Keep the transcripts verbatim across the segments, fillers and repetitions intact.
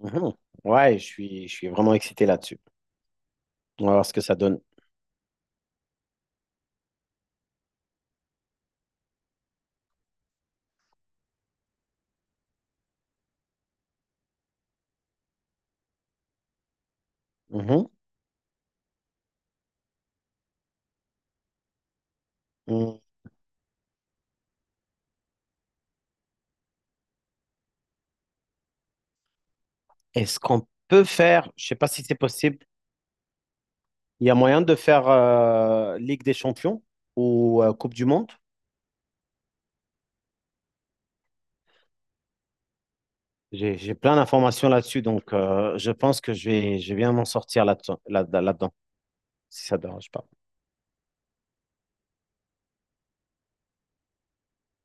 Mhm. Ouais, je suis, je suis vraiment excité là-dessus. On va voir ce que ça donne. Mhm. Mm. Est-ce qu'on peut faire, je sais pas si c'est possible, il y a moyen de faire euh, Ligue des Champions ou euh, Coupe du Monde? J'ai, j'ai plein d'informations là-dessus, donc euh, je pense que je vais, je vais bien m'en sortir là-dedans, là, là-dedans, si ça ne dérange pas.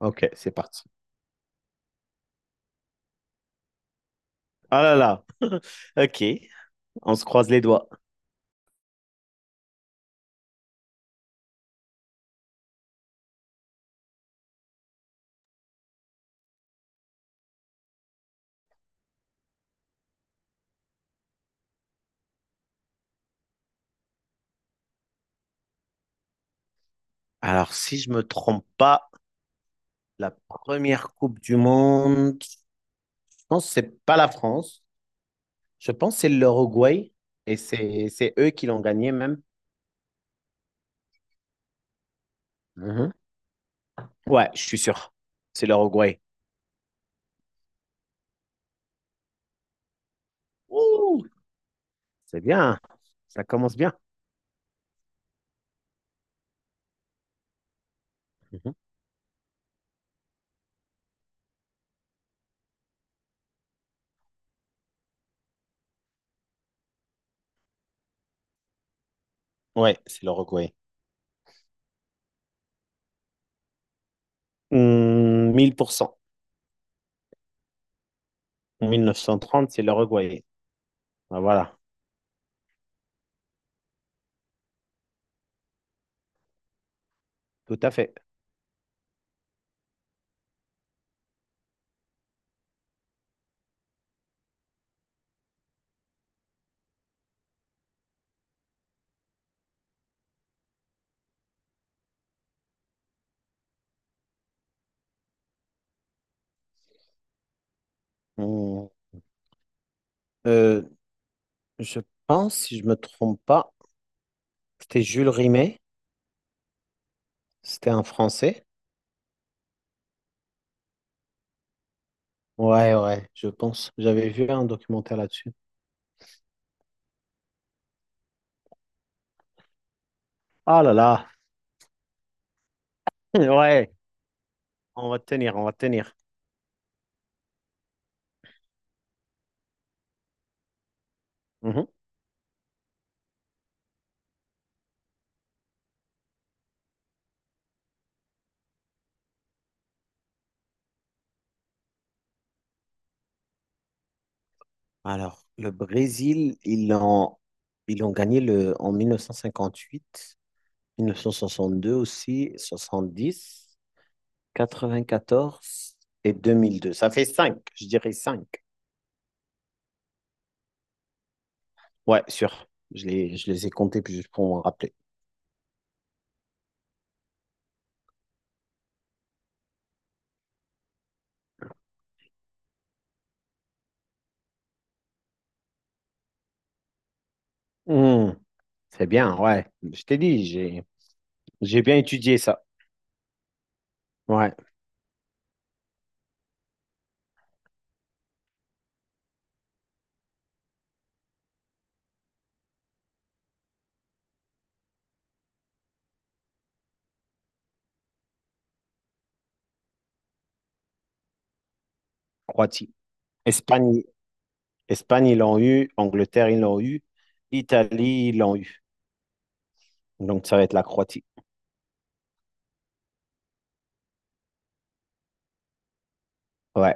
Ok, c'est parti. Ah là là, ok, on se croise les doigts. Alors, si je me trompe pas, la première Coupe du Monde, je pense que c'est pas la France. Je pense que c'est l'Uruguay et c'est c'est eux qui l'ont gagné même. Mhm. Ouais, je suis sûr. C'est l'Uruguay. Ouh, c'est bien. Ça commence bien. Mhm. Ouais, c'est l'Uruguay. Hum, mille pour cent mille neuf cent trente, c'est l'Uruguay. Ah, voilà, tout à fait. Hum. Euh, je pense, si je me trompe pas, c'était Jules Rimet. C'était un Français. Ouais, ouais, je pense. J'avais vu un documentaire là-dessus. Ah là là. Ouais, on va tenir, on va tenir. Mhm. Alors, le Brésil, ils l'ont ils ont gagné le, en mille mille neuf neuf cent cinquante-huit, mille neuf cent cinquante huit soixante deux aussi, soixante dix quatre vingt quatorze et deux mille deux. Ça fait cinq, je dirais cinq Ouais, sûr. Je les, je les ai comptés puis juste pour m'en rappeler. Hmm, c'est bien, ouais. Je t'ai dit, j'ai, j'ai bien étudié ça. Ouais, Croatie. Espagne, Espagne, ils l'ont eu. Angleterre, ils l'ont eu. Italie, ils l'ont eu. Donc, ça va être la Croatie. Ouais,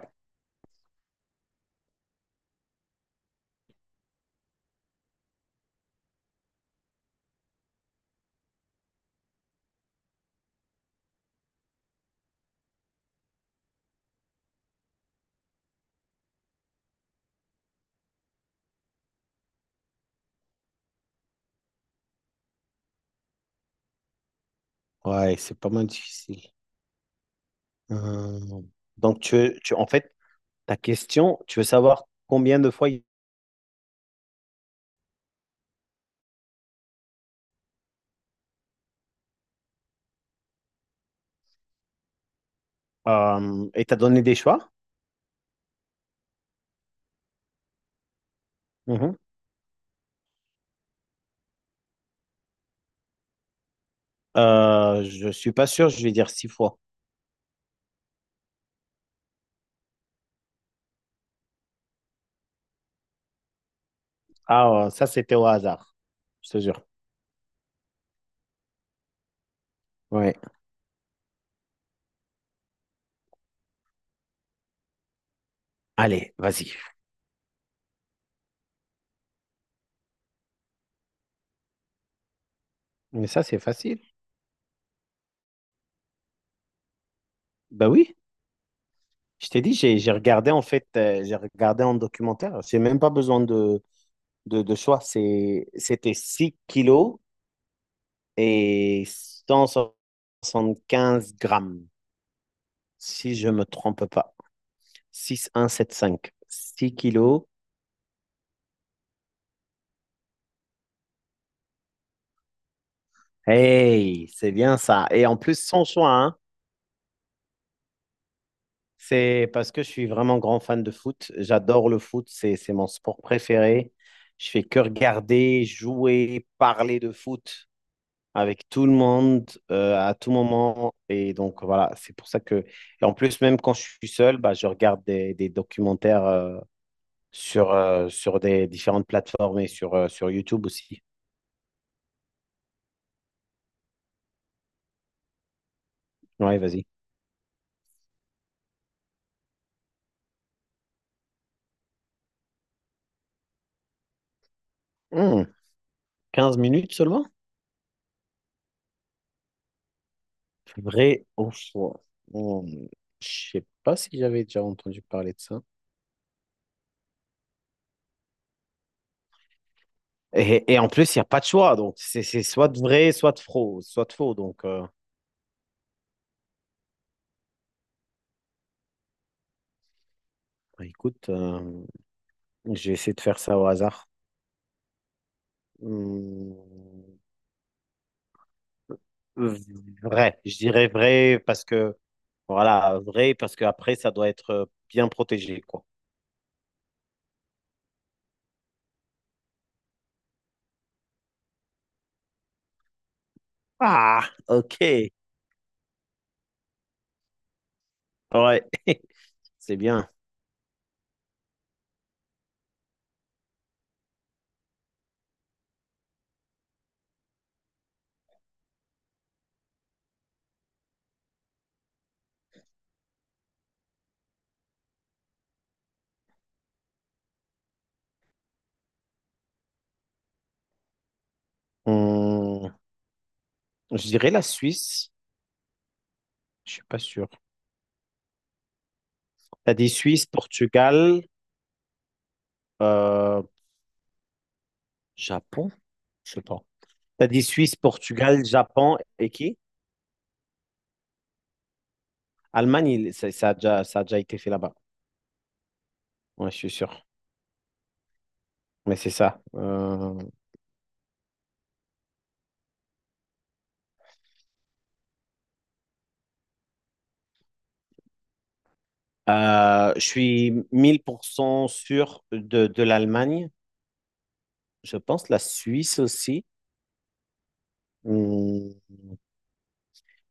ouais, c'est pas mal difficile. Euh, Donc, tu, veux- tu, en fait, ta question, tu veux savoir combien de fois il- euh, et t'as donné des choix? Mhm. Euh, je suis pas sûr, je vais dire six fois. Ah, euh, ça, c'était au hasard, je te jure. Ouais. Allez, vas-y. Mais ça, c'est facile. Bah oui, je t'ai dit, j'ai j'ai regardé en fait, euh, j'ai regardé en documentaire. J'ai même pas besoin de, de, de choix. C'est, c'était six kilos et cent soixante quinze grammes, si je me trompe pas. six un sept cinq. Six kilos. Hey, c'est bien ça. Et en plus, sans choix, hein. C'est parce que je suis vraiment grand fan de foot. J'adore le foot, c'est, c'est mon sport préféré. Je fais que regarder, jouer, parler de foot avec tout le monde euh, à tout moment. Et donc, voilà, c'est pour ça que. Et en plus, même quand je suis seul, bah, je regarde des, des documentaires euh, sur, euh, sur des différentes plateformes et sur, euh, sur YouTube aussi. Ouais, vas-y. Hmm, quinze minutes seulement? Vrai au froid. Hmm, je sais pas si j'avais déjà entendu parler de ça. Et, et en plus, il n'y a pas de choix. Donc, c'est c'est soit de vrai, soit de faux, soit de faux. Donc, euh, bah, écoute, euh, je vais essayer de faire ça au hasard. Hmm, vrai. Je dirais vrai parce que, voilà, vrai parce que après ça doit être euh, bien protégé, quoi. Ah, ok. Ouais, c'est bien. Hmm, je dirais la Suisse. Je suis pas sûr. T'as dit Suisse, Portugal, euh, Japon? Je sais pas. T'as dit Suisse, Portugal, Japon et qui? Allemagne, il- ça, ça a déjà, ça a déjà été fait là-bas. Ouais, je suis sûr. Mais c'est ça. Euh, euh, je suis mille pour cent sûr de, de l'Allemagne. Je pense la Suisse aussi. Hum,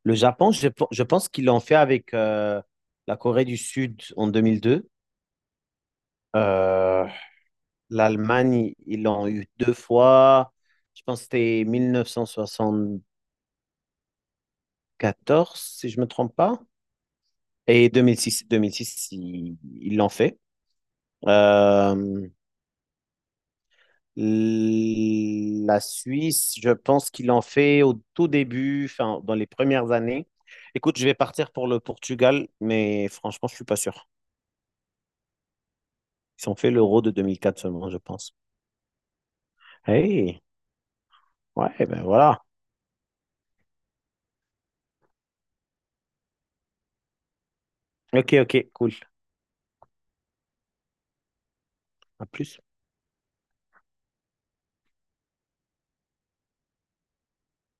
Le Japon, je, pe- je pense qu'ils l'ont fait avec euh, la Corée du Sud en deux mille deux. Euh, L'Allemagne, ils l'ont eu deux fois. Je pense que c'était quatorze si je ne me trompe pas. Et deux mille six deux mille six ils ils l'ont fait. Euh, la Suisse, je pense qu'ils l'ont fait au tout début, enfin, dans les premières années. Écoute, je vais partir pour le Portugal, mais franchement, je suis pas sûr. Ils ont fait l'Euro de deux mille quatre seulement, je pense. Hey, ouais, ben voilà. Ok, ok, cool. À plus.